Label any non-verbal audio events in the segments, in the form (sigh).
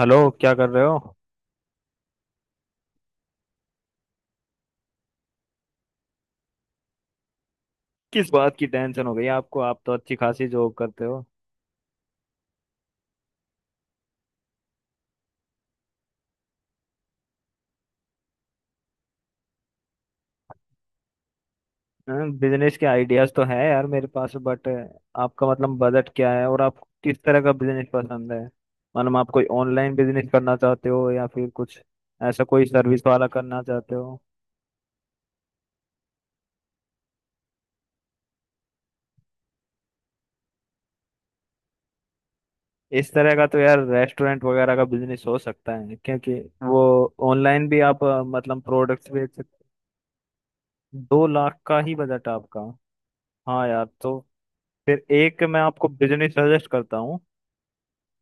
Hello. क्या कर रहे हो? किस बात की टेंशन हो गई आपको? आप तो अच्छी खासी जॉब करते हो। बिजनेस के आइडियाज तो है यार मेरे पास, बट आपका मतलब बजट क्या है और आप किस तरह का बिजनेस पसंद है? मतलब आप कोई ऑनलाइन बिजनेस करना चाहते हो या फिर कुछ ऐसा कोई सर्विस वाला करना चाहते हो? इस तरह का तो यार रेस्टोरेंट वगैरह का बिजनेस हो सकता है, क्योंकि वो ऑनलाइन भी आप मतलब प्रोडक्ट्स बेच सकते। 2 लाख का ही बजट आपका? हाँ यार, तो फिर एक मैं आपको बिजनेस सजेस्ट करता हूँ।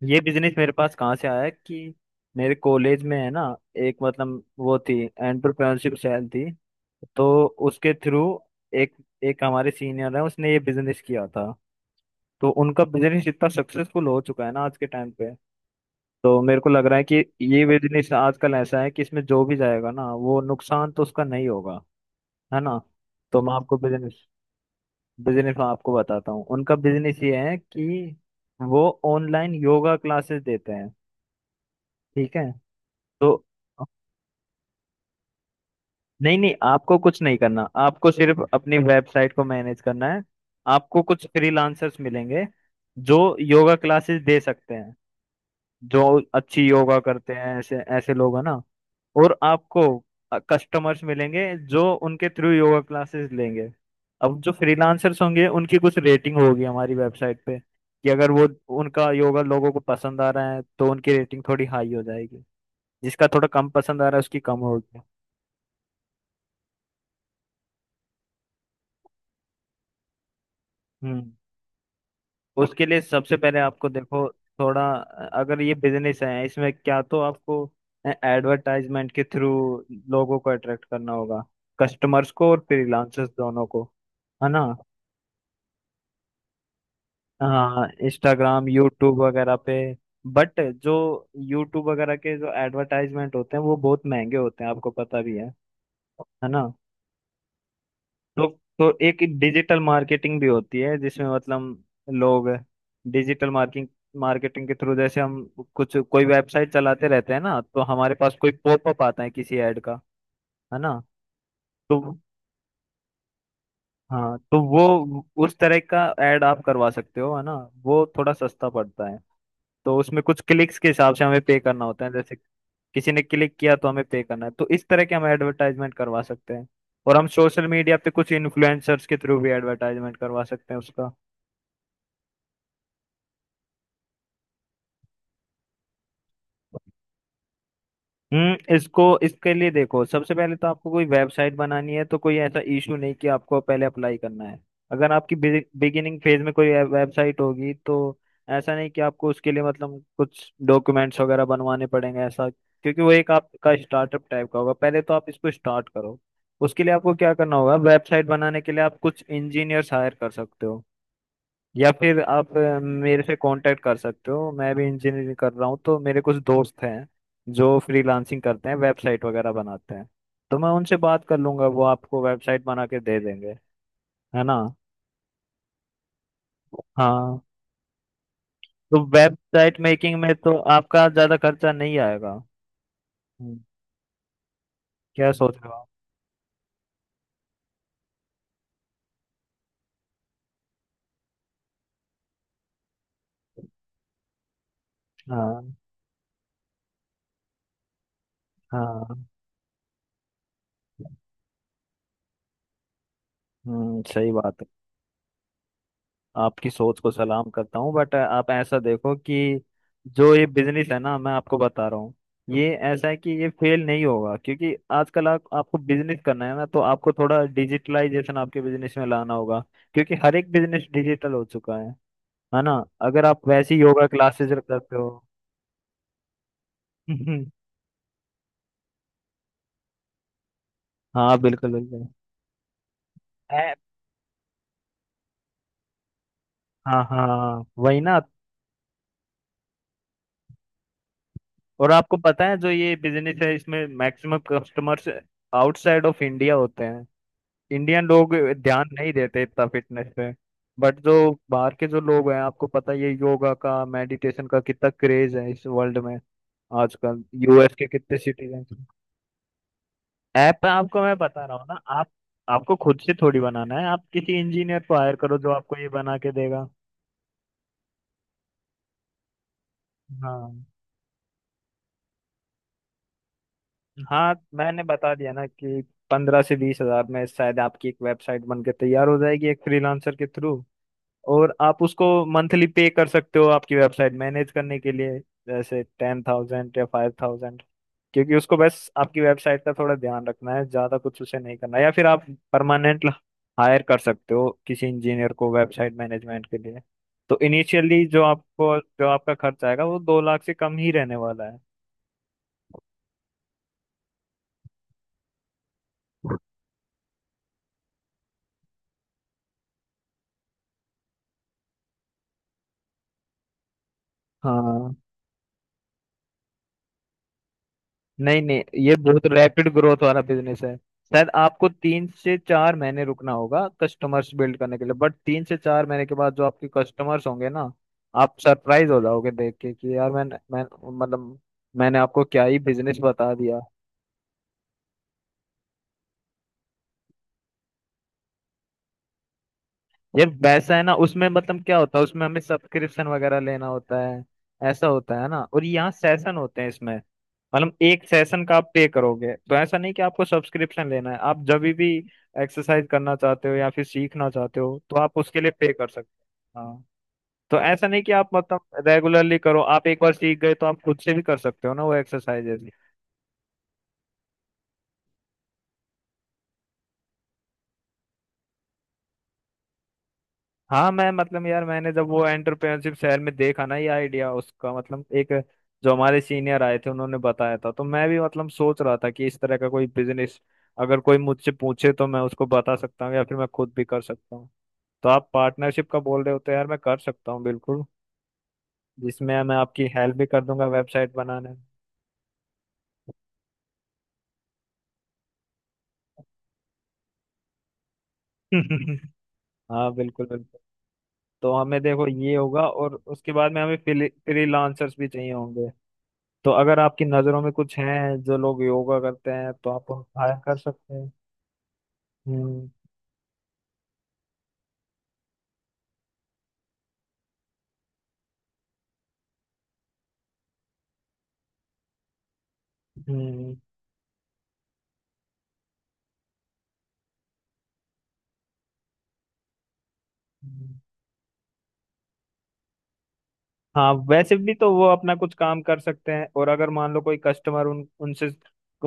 ये बिजनेस मेरे पास कहाँ से आया कि मेरे कॉलेज में है ना, एक मतलब वो थी एंटरप्रेन्योरशिप सेल थी, तो उसके थ्रू एक एक हमारे सीनियर है, उसने ये बिजनेस किया था। तो उनका बिजनेस इतना सक्सेसफुल हो चुका है ना आज के टाइम पे, तो मेरे को लग रहा है कि ये बिजनेस आजकल ऐसा है कि इसमें जो भी जाएगा ना वो नुकसान तो उसका नहीं होगा, है ना? तो मैं आपको बिजनेस बिजनेस मैं आपको बताता हूँ। उनका बिजनेस ये है कि वो ऑनलाइन योगा क्लासेस देते हैं। ठीक है। तो नहीं नहीं आपको कुछ नहीं करना, आपको सिर्फ अपनी वेबसाइट को मैनेज करना है। आपको कुछ फ्रीलांसर्स मिलेंगे जो योगा क्लासेस दे सकते हैं, जो अच्छी योगा करते हैं ऐसे ऐसे लोग हैं ना। और आपको कस्टमर्स मिलेंगे जो उनके थ्रू योगा क्लासेस लेंगे। अब जो फ्रीलांसर्स होंगे उनकी कुछ रेटिंग होगी हमारी वेबसाइट पे, कि अगर वो उनका योगा लोगों को पसंद आ रहा है तो उनकी रेटिंग थोड़ी हाई हो जाएगी, जिसका थोड़ा कम पसंद आ रहा है उसकी कम होगी। हम्म उसके लिए सबसे पहले आपको देखो, थोड़ा अगर ये बिजनेस है इसमें क्या तो आपको एडवर्टाइजमेंट के थ्रू लोगों को अट्रैक्ट करना होगा, कस्टमर्स को और फ्रीलांसर्स दोनों को, है ना? हाँ इंस्टाग्राम यूट्यूब वगैरह पे। बट जो यूट्यूब वगैरह के जो एडवर्टाइजमेंट होते हैं वो बहुत महंगे होते हैं, आपको पता भी है ना? तो तो एक डिजिटल मार्केटिंग भी होती है जिसमें मतलब लोग डिजिटल मार्किंग मार्केटिंग के थ्रू, जैसे हम कुछ कोई वेबसाइट चलाते रहते हैं ना तो हमारे पास कोई पॉपअप आता है किसी ऐड का, है ना? तो हाँ, तो वो उस तरह का ऐड आप करवा सकते हो, है ना? वो थोड़ा सस्ता पड़ता है। तो उसमें कुछ क्लिक्स के हिसाब से हमें पे करना होता है, जैसे किसी ने क्लिक किया तो हमें पे करना है, तो इस तरह के हम एडवर्टाइजमेंट करवा सकते हैं। और हम सोशल मीडिया पे कुछ इन्फ्लुएंसर्स के थ्रू भी एडवर्टाइजमेंट करवा सकते हैं उसका। इसको इसके लिए देखो सबसे पहले तो आपको कोई वेबसाइट बनानी है, तो कोई ऐसा इशू नहीं कि आपको पहले अप्लाई करना है। अगर आपकी बिगिनिंग फेज में कोई वेबसाइट होगी तो ऐसा नहीं कि आपको उसके लिए मतलब कुछ डॉक्यूमेंट्स वगैरह बनवाने पड़ेंगे ऐसा, क्योंकि वो एक आपका स्टार्टअप टाइप का होगा, पहले तो आप इसको स्टार्ट करो। उसके लिए आपको क्या करना होगा, वेबसाइट बनाने के लिए आप कुछ इंजीनियर्स हायर कर सकते हो, या फिर आप मेरे से कांटेक्ट कर सकते हो, मैं भी इंजीनियरिंग कर रहा हूँ तो मेरे कुछ दोस्त हैं जो फ्रीलांसिंग करते हैं, वेबसाइट वगैरह बनाते हैं। तो मैं उनसे बात कर लूंगा, वो आपको वेबसाइट बना के दे देंगे, है ना? हाँ, तो वेबसाइट मेकिंग में तो आपका ज़्यादा खर्चा नहीं आएगा। हम्म, क्या सोच रहे हो आप? हाँ हाँ। सही बात है। आपकी सोच को सलाम करता हूँ, बट आप ऐसा देखो कि जो ये बिजनेस है ना मैं आपको बता रहा हूँ, ये ऐसा है कि ये फेल नहीं होगा, क्योंकि आजकल आपको बिजनेस करना है ना, तो आपको थोड़ा डिजिटलाइजेशन आपके बिजनेस में लाना होगा। क्योंकि हर एक बिजनेस डिजिटल हो चुका है ना? अगर आप वैसी योगा क्लासेस करते हो। (laughs) हाँ बिल्कुल बिल्कुल। ऐप। हाँ हाँ हाँ, वही ना। और आपको पता है जो ये बिजनेस है इसमें maximum customers outside of India होते हैं। इंडियन लोग ध्यान नहीं देते इतना फिटनेस पे। बट जो बाहर के जो लोग हैं आपको पता ही है ये योगा का मेडिटेशन का कितना क्रेज है इस वर्ल्ड में। आजकल यूएस के कितने सिटीजन। ऐप आपको मैं बता रहा हूँ ना। आप आपको खुद से थोड़ी बनाना है, आप किसी इंजीनियर को हायर करो जो आपको ये बना के देगा। हाँ, हाँ मैंने बता दिया ना कि 15 से 20 हजार में शायद आपकी एक वेबसाइट बनकर तैयार हो जाएगी एक फ्रीलांसर के थ्रू। और आप उसको मंथली पे कर सकते हो आपकी वेबसाइट मैनेज करने के लिए, जैसे 10,000 या 5,000। क्योंकि उसको बस आपकी वेबसाइट का थोड़ा ध्यान रखना है, ज्यादा कुछ उसे नहीं करना, या फिर आप परमानेंट हायर कर सकते हो किसी इंजीनियर को वेबसाइट मैनेजमेंट के लिए। तो इनिशियली जो आपको जो आपका खर्च आएगा वो 2 लाख से कम ही रहने वाला है। हाँ। नहीं नहीं ये बहुत रैपिड ग्रोथ वाला बिजनेस है, शायद आपको 3 से 4 महीने रुकना होगा कस्टमर्स बिल्ड करने के लिए, बट 3 से 4 महीने के बाद जो आपके कस्टमर्स होंगे ना, आप सरप्राइज हो जाओगे देख के कि यार मैंने मैं मतलब मैंने आपको क्या ही बिजनेस बता दिया। ये वैसा है ना, उसमें मतलब क्या होता है उसमें हमें सब्सक्रिप्शन वगैरह लेना होता है, ऐसा होता है ना, और यहाँ सेशन होते हैं इसमें। मतलब एक सेशन का आप पे करोगे तो ऐसा नहीं कि आपको सब्सक्रिप्शन लेना है, आप जब भी एक्सरसाइज करना चाहते हो या फिर सीखना चाहते हो तो आप उसके लिए पे कर सकते हो, हाँ। तो ऐसा नहीं कि आप मतलब रेगुलरली करो, आप एक बार सीख गए तो आप खुद से भी कर सकते हो ना वो एक्सरसाइजेस। हाँ मैं मतलब यार मैंने जब वो एंटरप्रेन्योरशिप शहर में देखा ना ये आइडिया उसका मतलब एक जो हमारे सीनियर आए थे उन्होंने बताया था, तो मैं भी मतलब सोच रहा था कि इस तरह का कोई बिजनेस अगर कोई मुझसे पूछे तो मैं उसको बता सकता हूँ या फिर मैं खुद भी कर सकता हूँ। तो आप पार्टनरशिप का बोल रहे हो तो यार मैं कर सकता हूँ बिल्कुल, जिसमें मैं आपकी हेल्प भी कर दूंगा वेबसाइट बनाने में। (laughs) हाँ बिल्कुल बिल्कुल। तो हमें देखो ये होगा और उसके बाद में हमें फ्रीलांसर्स भी चाहिए होंगे। तो अगर आपकी नजरों में कुछ हैं जो लोग योगा करते हैं तो आप उनको हायर कर सकते हैं। हम्म हम्म हम्म। हाँ वैसे भी तो वो अपना कुछ काम कर सकते हैं और अगर मान लो कोई कस्टमर उन उनसे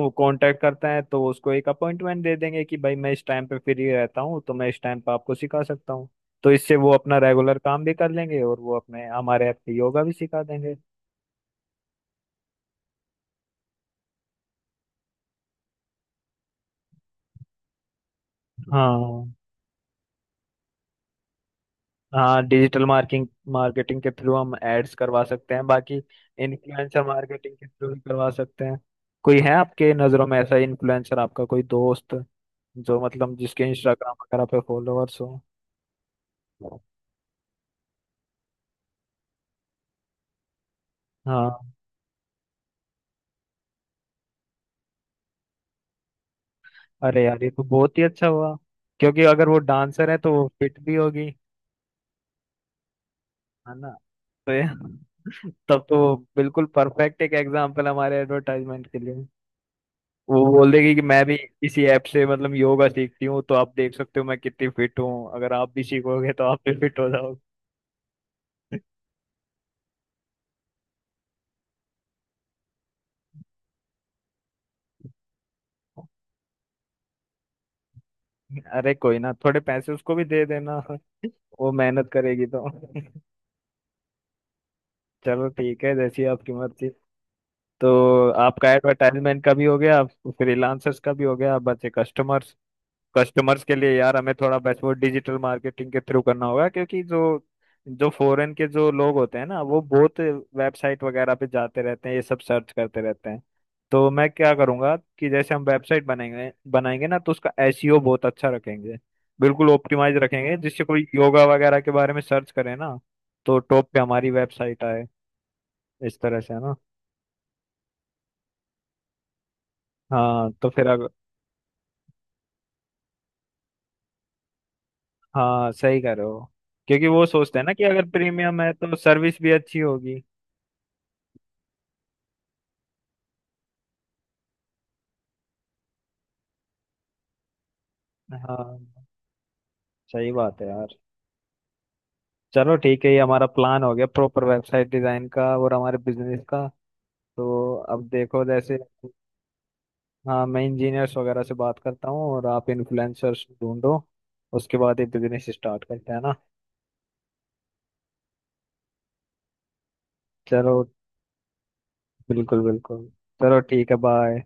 कांटेक्ट करता है तो उसको एक अपॉइंटमेंट दे देंगे कि भाई मैं इस टाइम पे फ्री रहता हूँ तो मैं इस टाइम पे आपको सिखा सकता हूँ। तो इससे वो अपना रेगुलर काम भी कर लेंगे और वो अपने हमारे ऐप पे योगा भी सिखा देंगे। हाँ, हाँ डिजिटल मार्किंग मार्केटिंग के थ्रू हम एड्स करवा सकते हैं, बाकी इन्फ्लुएंसर मार्केटिंग के थ्रू भी करवा सकते हैं। कोई है आपके नज़रों में ऐसा इन्फ्लुएंसर, आपका कोई दोस्त जो मतलब जिसके इंस्टाग्राम वगैरह पे फॉलोअर्स हो? हाँ। अरे यार ये तो बहुत ही अच्छा हुआ, क्योंकि अगर वो डांसर है तो वो फिट भी होगी, है ना? तो ये- (laughs) तब तो बिल्कुल परफेक्ट एक एग्जाम्पल हमारे एडवर्टाइजमेंट के लिए। वो बोल देगी कि मैं भी इसी ऐप से मतलब योगा सीखती हूँ, तो आप देख सकते हो मैं कितनी फिट हूँ, अगर आप भी सीखोगे तो आप भी फिट हो जाओगे। (laughs) अरे कोई ना, थोड़े पैसे उसको भी दे देना, वो मेहनत करेगी तो। (laughs) चलो ठीक है, जैसी आपकी मर्जी। तो आपका एडवर्टाइजमेंट का भी हो गया, फ्रीलांसर्स का भी हो गया, अब बचे कस्टमर्स। कस्टमर्स के लिए यार हमें थोड़ा बेस्ट वो डिजिटल मार्केटिंग के थ्रू करना होगा, क्योंकि जो जो फॉरेन के जो लोग होते हैं ना वो बहुत वेबसाइट वगैरह पे जाते रहते हैं, ये सब सर्च करते रहते हैं। तो मैं क्या करूंगा कि जैसे हम वेबसाइट बनाएंगे बनाएंगे ना तो उसका एसईओ बहुत अच्छा रखेंगे, बिल्कुल ऑप्टिमाइज रखेंगे, जिससे कोई योगा वगैरह के बारे में सर्च करे ना तो टॉप पे हमारी वेबसाइट आए, इस तरह से, है ना? हाँ, तो फिर अगर। हाँ सही कह रहे हो, क्योंकि वो सोचते हैं ना कि अगर प्रीमियम है तो सर्विस भी अच्छी होगी। हाँ सही बात है यार। चलो ठीक है, ये हमारा प्लान हो गया प्रॉपर वेबसाइट डिजाइन का और हमारे बिजनेस का। तो अब देखो जैसे हाँ मैं इंजीनियर्स वगैरह से बात करता हूँ और आप इन्फ्लुएंसर्स ढूंढो, उसके बाद ये बिजनेस स्टार्ट करते हैं ना। चलो बिल्कुल बिल्कुल, चलो ठीक है बाय।